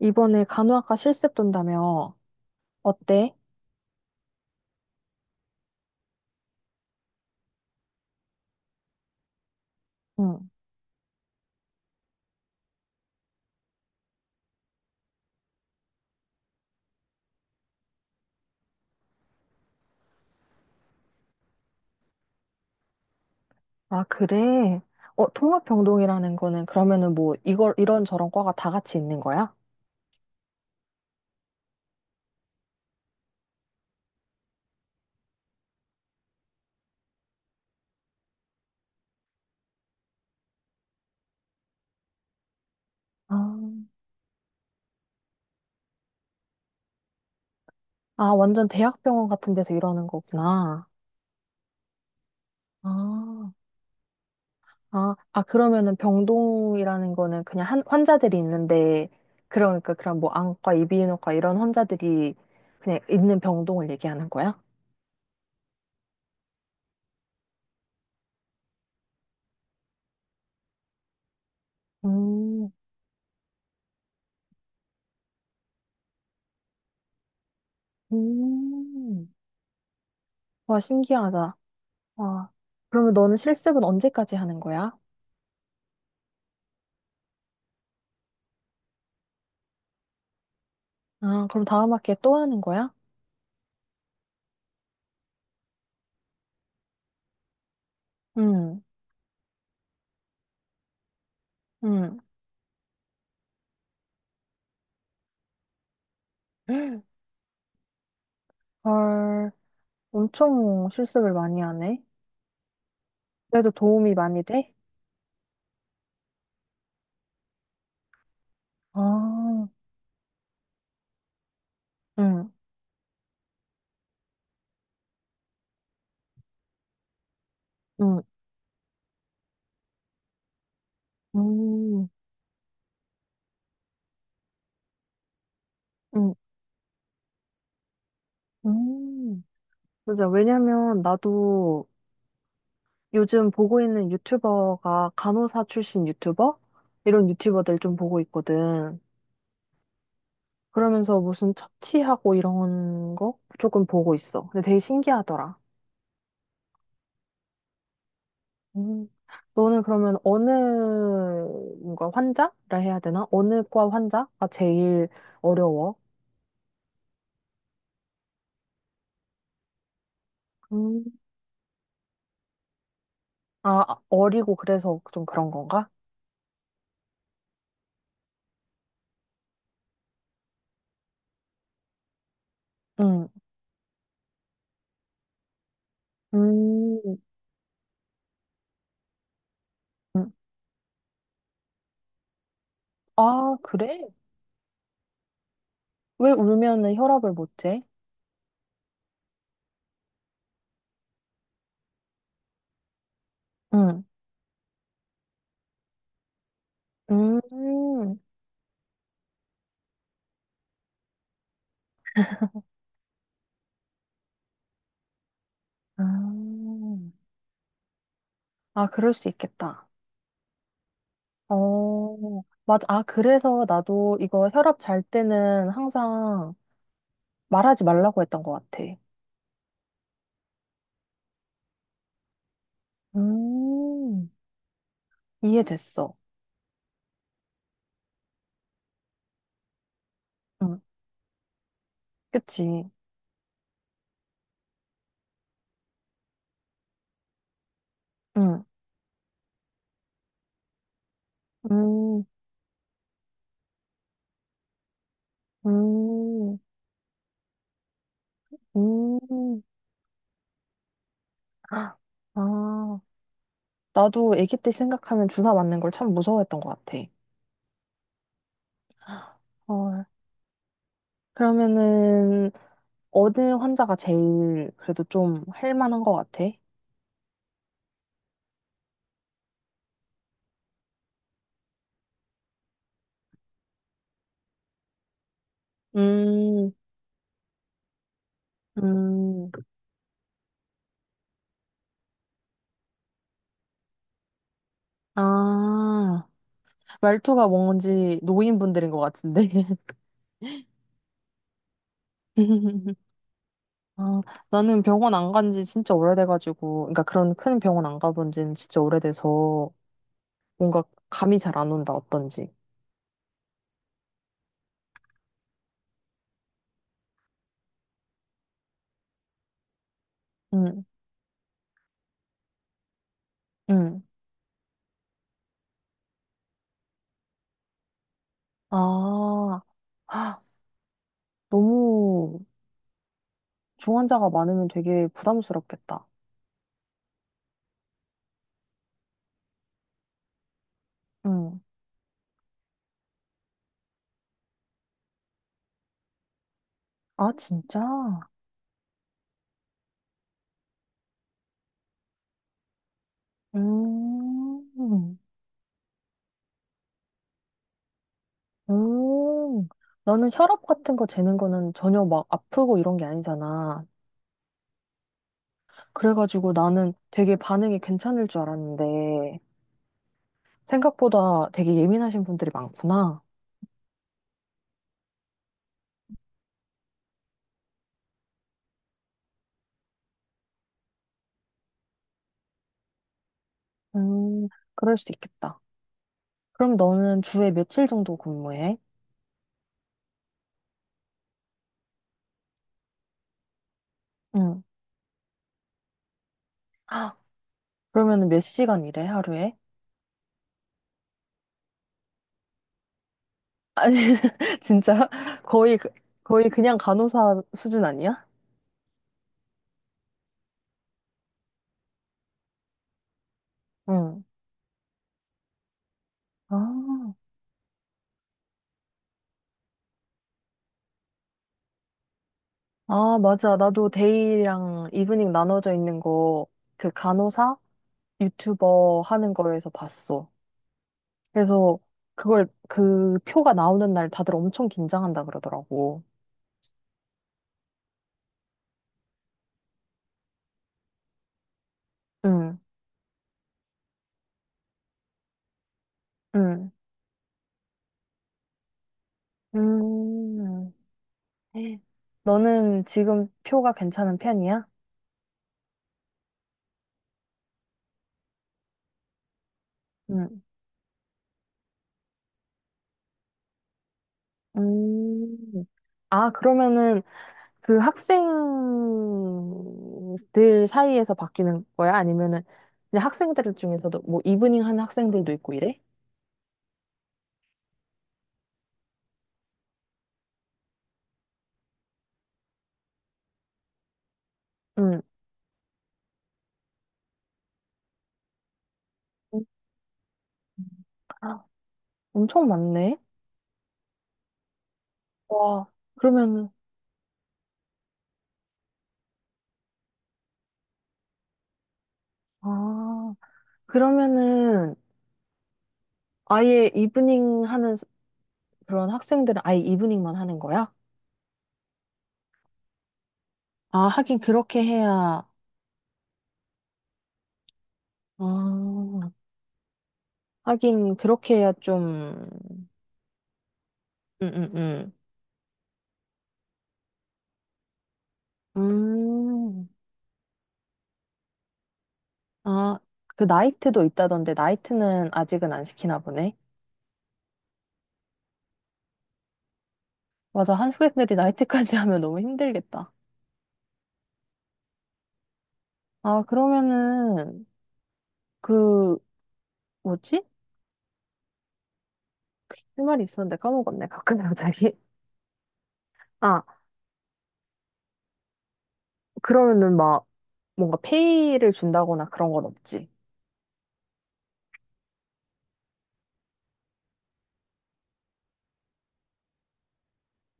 이번에 간호학과 실습 돈다며. 어때? 응. 아, 그래? 어, 통합병동이라는 거는 그러면은 뭐 이걸 이런 저런 과가 다 같이 있는 거야? 아, 아, 완전 대학병원 같은 데서 이러는 거구나. 아, 아, 아, 그러면은 병동이라는 거는 그냥 한, 환자들이 있는데, 그러니까 그런 뭐 안과, 이비인후과 이런 환자들이 그냥 있는 병동을 얘기하는 거야? 음, 음. 와, 신기하다. 와, 그러면 너는 실습은 언제까지 하는 거야? 아, 그럼 다음 학기에 또 하는 거야? 응, 응. 헐, 엄청 실습을 많이 하네. 그래도 도움이 많이 돼? 아, 응, 응, 음, 응, 음. 맞아. 왜냐면 나도 요즘 보고 있는 유튜버가 간호사 출신 유튜버? 이런 유튜버들 좀 보고 있거든. 그러면서 무슨 처치하고 이런 거 조금 보고 있어. 근데 되게 신기하더라. 음, 너는 그러면 어느 뭔가 환자라 해야 되나? 어느 과 환자가 제일 어려워? 음, 아, 어리고 그래서 좀 그런 건가? 응. 음, 음. 아, 그래? 왜 울면은 혈압을 못 재? 응. 음, 음. 아, 그럴 수 있겠다. 어, 맞아. 아, 그래서 나도 이거 혈압 잘 때는 항상 말하지 말라고 했던 것 같아. 음, 이해됐어. 응, 그치. 응, 음, 음, 음. 아, 나도 아기 때 생각하면 주사 맞는 걸 참 무서워했던 것 같아. 어, 그러면은, 어느 환자가 제일 그래도 좀 할 만한 것 같아? 음, 음, 아, 말투가 뭔지 노인분들인 것 같은데. 아, 나는 병원 안 간지 진짜 오래돼가지고, 그러니까 그런 큰 병원 안 가본 지는 진짜 오래돼서, 뭔가 감이 잘 안 온다, 어떤지. 응, 응. 아, 헉, 너무 중환자가 많으면 되게 부담스럽겠다. 응. 아, 진짜? 음, 음. 나는 혈압 같은 거 재는 거는 전혀 막 아프고 이런 게 아니잖아. 그래가지고 나는 되게 반응이 괜찮을 줄 알았는데, 생각보다 되게 예민하신 분들이 많구나. 음, 그럴 수도 있겠다. 그럼 너는 주에 며칠 정도 근무해? 응. 그러면 몇 시간 일해, 하루에? 아니, 진짜 거의, 그- 거의 그냥 간호사 수준 아니야? 응. 아, 아, 맞아. 나도 데이랑 이브닝 나눠져 있는 거, 그 간호사 유튜버 하는 거에서 봤어. 그래서 그 표가 나오는 날 다들 엄청 긴장한다 그러더라고. 응, 응. 음, 너는 지금 표가 괜찮은 편이야? 응. 음. 아, 그러면은 그 학생들 사이에서 바뀌는 거야? 아니면은 그냥 학생들 중에서도 뭐 이브닝 하는 학생들도 있고 이래? 응. 아, 엄청 많네. 와, 그러면은, 아, 그러면은 아예 이브닝 하는 스- 그런 학생들은 아예 이브닝만 하는 거야? 아, 하긴 그렇게 해야, 아, 하긴 그렇게 해야 좀, 응, 응, 응. 음, 아, 그 나이트도 있다던데 나이트는 아직은 안 시키나 보네. 맞아, 한국인들이 나이트까지 하면 너무 힘들겠다. 아, 그러면은 그 뭐지? 할 말이 있었는데 까먹었네. 가끔 갑자기. 아, 그러면은 막 뭔가 페이를 준다거나 그런 건 없지.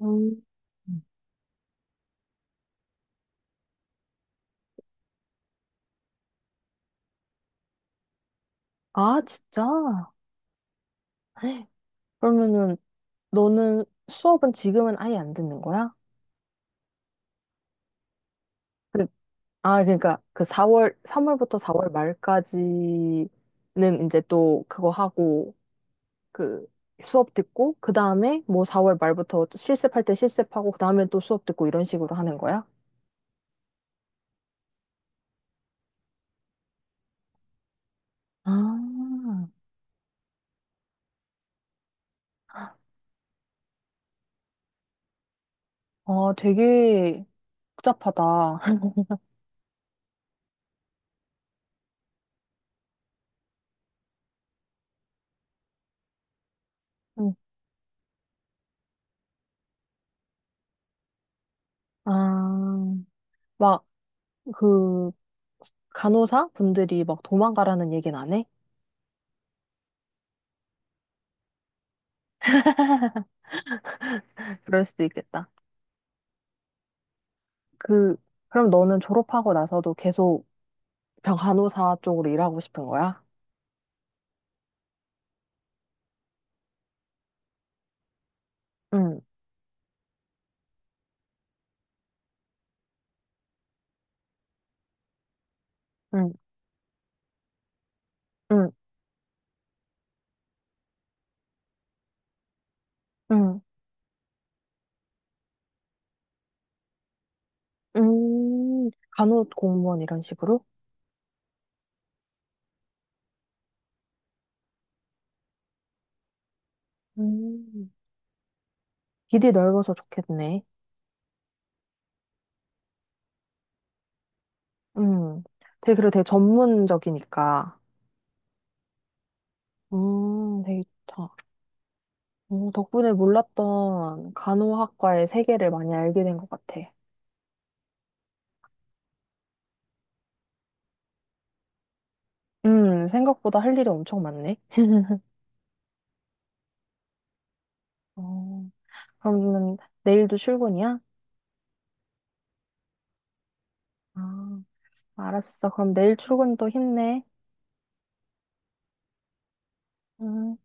음. 아, 진짜? 헉, 그러면은 너는 수업은 지금은 아예 안 듣는 거야? 그- 아, 그러니까 그 사월 3월부터 4월 말까지는 이제 또 그거 하고 그 수업 듣고 그 다음에 뭐 4월 말부터 실습할 때 실습하고 그 다음에 또 수업 듣고 이런 식으로 하는 거야? 아, 어, 되게 복잡하다. 응. 아, 막 그 간호사 분들이 막 도망가라는 얘기는 안 해? 그럴 수도 있겠다. 그 그럼 너는 졸업하고 나서도 계속 병 간호사 쪽으로 일하고 싶은 거야? 응, 응, 응, 응. 음, 간호 공무원 이런 식으로? 음. 길이 넓어서 좋겠네. 음. 되게, 그리고 되게 전문적이니까. 되게 좋다. 오, 덕분에 몰랐던 간호학과의 세계를 많이 알게 된 것 같아. 생각보다 할 일이 엄청 많네. 어, 그러면 내일도 출근이야? 아, 알았어. 그럼 내일 출근 또 힘내. 음.